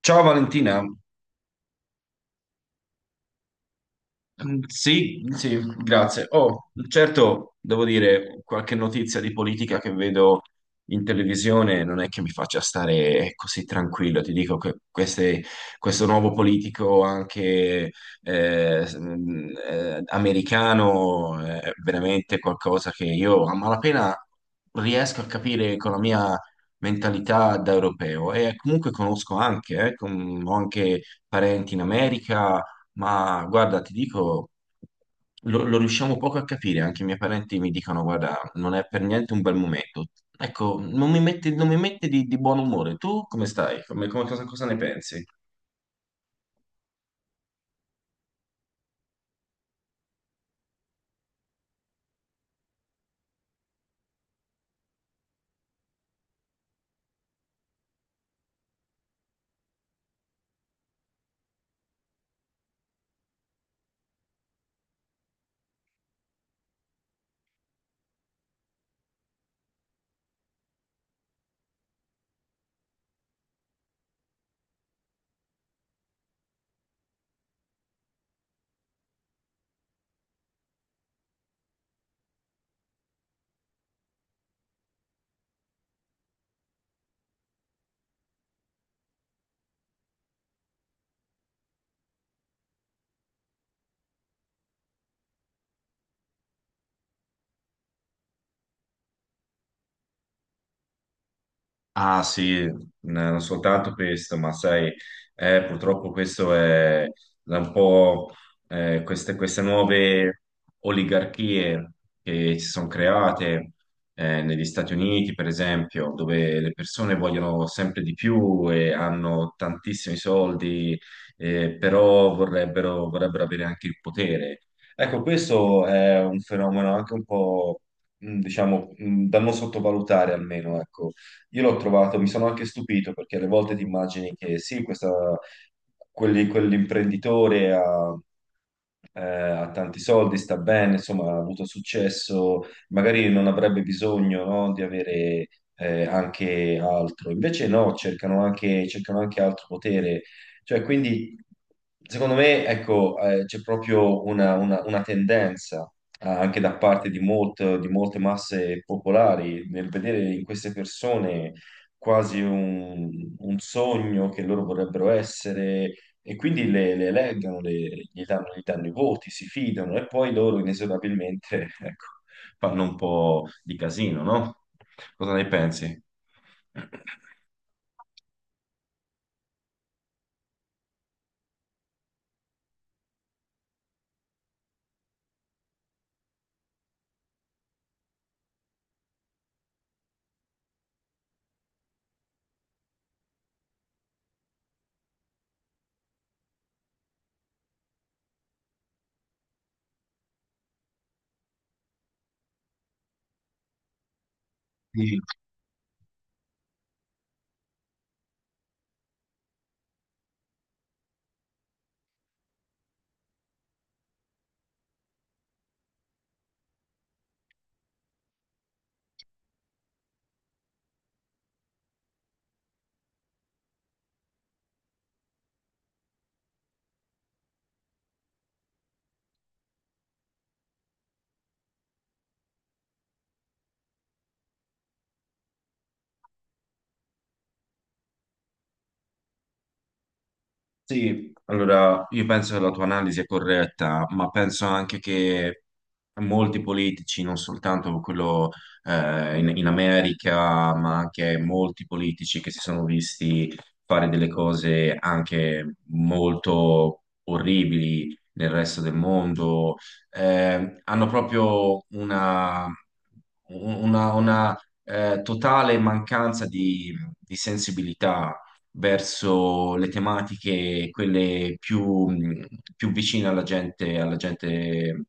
Ciao Valentina. Sì, sì, grazie. Oh, certo, devo dire, qualche notizia di politica che vedo in televisione non è che mi faccia stare così tranquillo. Ti dico che questo nuovo politico anche americano è veramente qualcosa che io a malapena riesco a capire con la mia mentalità da europeo, e comunque conosco anche, ho anche parenti in America. Ma guarda, ti dico, lo riusciamo poco a capire, anche i miei parenti mi dicono, guarda, non è per niente un bel momento. Ecco, non mi mette di buon umore. Tu come stai? Cosa ne pensi? Ah sì, non soltanto questo, ma sai, purtroppo questo è da un po' queste nuove oligarchie che si sono create negli Stati Uniti, per esempio, dove le persone vogliono sempre di più e hanno tantissimi soldi, eh, però vorrebbero avere anche il potere. Ecco, questo è un fenomeno anche un po', diciamo, da non sottovalutare almeno. Ecco, io l'ho trovato, mi sono anche stupito perché alle volte ti immagini che sì, quell'imprenditore ha ha tanti soldi, sta bene, insomma, ha avuto successo, magari non avrebbe bisogno, no, di avere anche altro. Invece no, cercano anche altro potere. Cioè, quindi, secondo me, ecco, c'è proprio una tendenza anche da parte di, di molte masse popolari nel vedere in queste persone quasi un sogno che loro vorrebbero essere, e quindi le eleggono, gli danno i voti, si fidano e poi loro inesorabilmente, ecco, fanno un po' di casino, no? Cosa ne pensi? Sì. Sì, allora io penso che la tua analisi è corretta, ma penso anche che molti politici, non soltanto quello eh, in America, ma anche molti politici che si sono visti fare delle cose anche molto orribili nel resto del mondo, hanno proprio una, totale mancanza di sensibilità verso le tematiche, quelle più, più vicine alla gente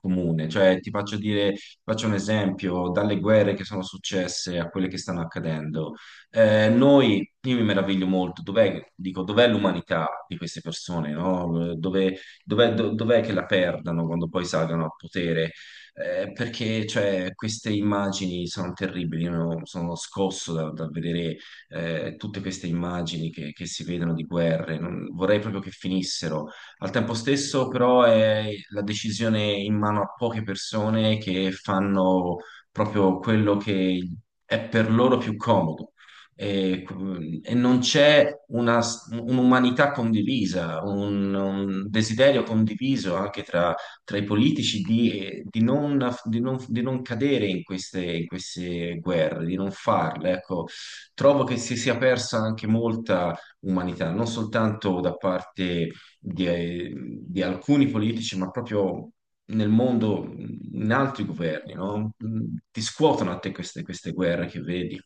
comune. Cioè, ti faccio dire, faccio un esempio, dalle guerre che sono successe a quelle che stanno accadendo. Noi, io mi meraviglio molto, dov'è, dico, dov'è l'umanità di queste persone, no? Dove, dov'è che la perdano quando poi salgano al potere? Perché cioè, queste immagini sono terribili, io sono scosso da vedere tutte queste immagini che si vedono di guerre, vorrei proprio che finissero. Al tempo stesso, però, è la decisione in mano a poche persone che fanno proprio quello che è per loro più comodo. E, e non c'è un'umanità condivisa, un desiderio condiviso anche tra i politici di non cadere in in queste guerre, di non farle. Ecco, trovo che si sia persa anche molta umanità, non soltanto da parte di, di alcuni politici, ma proprio nel mondo, in altri governi, no? Ti scuotono a te queste guerre che vedi.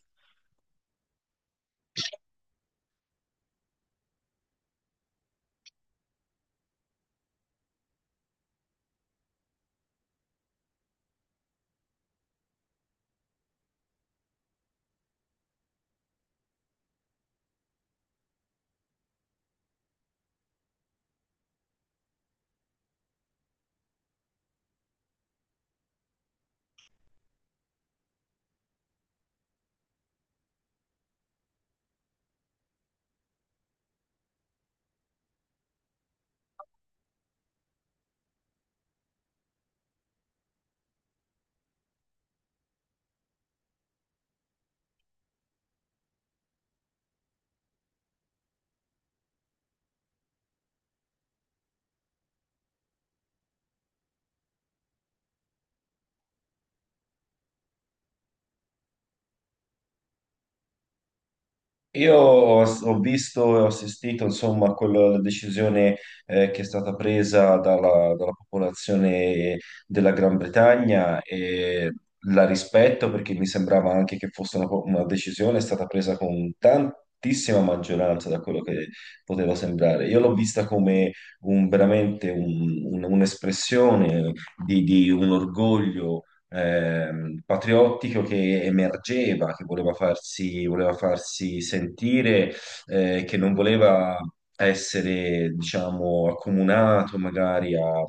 Io ho, ho visto e ho assistito, insomma, a quella decisione eh, che è stata presa dalla popolazione della Gran Bretagna, e la rispetto perché mi sembrava anche che fosse una decisione stata presa con tantissima maggioranza da quello che poteva sembrare. Io l'ho vista come veramente un'espressione di un orgoglio patriottico che emergeva, che voleva farsi sentire, che non voleva essere, diciamo, accomunato magari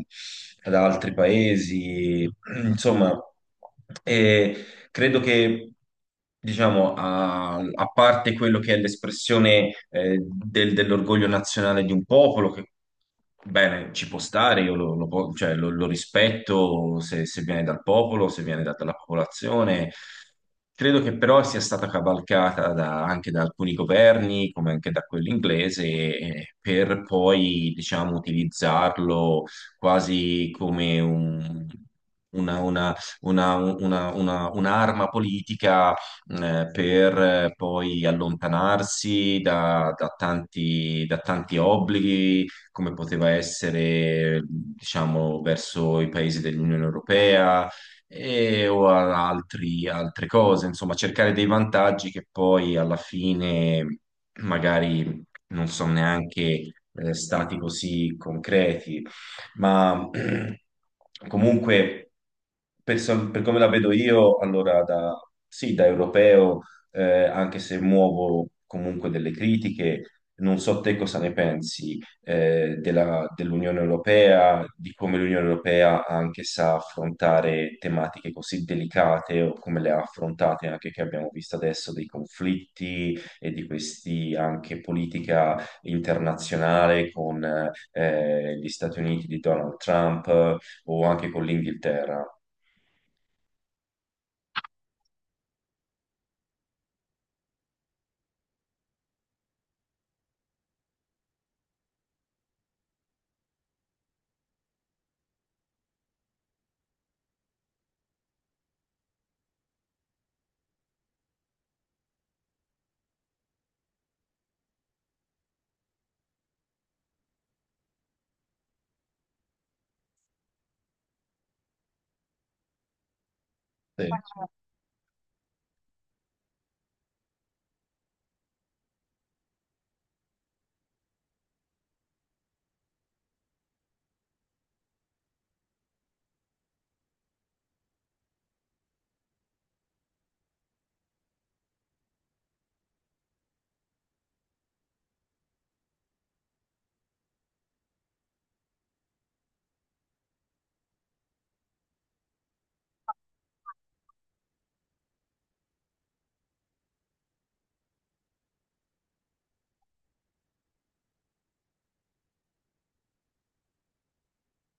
ad altri paesi, insomma. E, Credo che, diciamo, a parte quello che è l'espressione eh, dell'orgoglio nazionale di un popolo, che bene, ci può stare, io cioè, lo rispetto se viene dal popolo, se viene dalla popolazione. Credo che però sia stata cavalcata anche da alcuni governi, come anche da quello inglese, per poi, diciamo, utilizzarlo quasi come una, una- un'arma politica, per poi allontanarsi da tanti obblighi, come poteva essere, diciamo, verso i paesi dell'Unione Europea e, o altre cose, insomma, cercare dei vantaggi che poi alla fine magari non sono neanche stati così concreti, ma comunque per come la vedo io, allora da, sì, da europeo, anche se muovo comunque delle critiche, non so te cosa ne pensi dell'Unione Europea, di come l'Unione Europea anche sa affrontare tematiche così delicate, o come le ha affrontate anche che abbiamo visto adesso dei conflitti e di questi anche politica internazionale con gli Stati Uniti di Donald Trump, o anche con l'Inghilterra. Sì.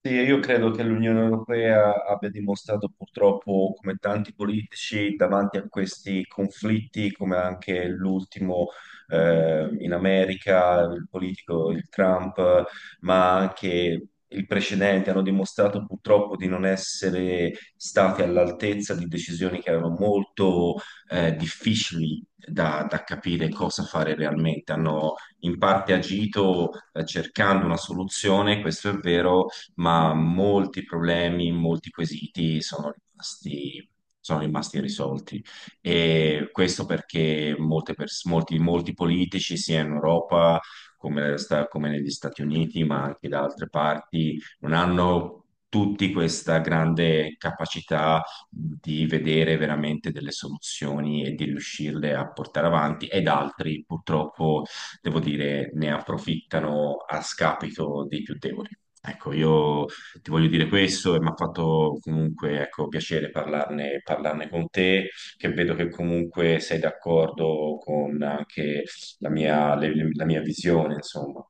Sì, io credo che l'Unione Europea abbia dimostrato purtroppo, come tanti politici, davanti a questi conflitti, come anche l'ultimo in America, il politico, il Trump, ma anche il precedente, hanno dimostrato purtroppo di non essere stati all'altezza di decisioni che erano molto difficili da capire cosa fare realmente. Hanno in parte agito cercando una soluzione, questo è vero, ma molti problemi, molti quesiti sono rimasti irrisolti. E questo perché molti politici, sia in Europa come negli Stati Uniti, ma anche da altre parti, non hanno tutti questa grande capacità di vedere veramente delle soluzioni e di riuscirle a portare avanti, ed altri purtroppo, devo dire, ne approfittano a scapito dei più deboli. Ecco, io ti voglio dire questo, e mi ha fatto comunque, ecco, piacere parlarne con te, che vedo che comunque sei d'accordo con anche la mia visione, insomma.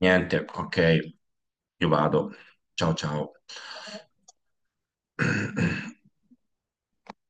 Niente, ok, io vado. Ciao, ciao.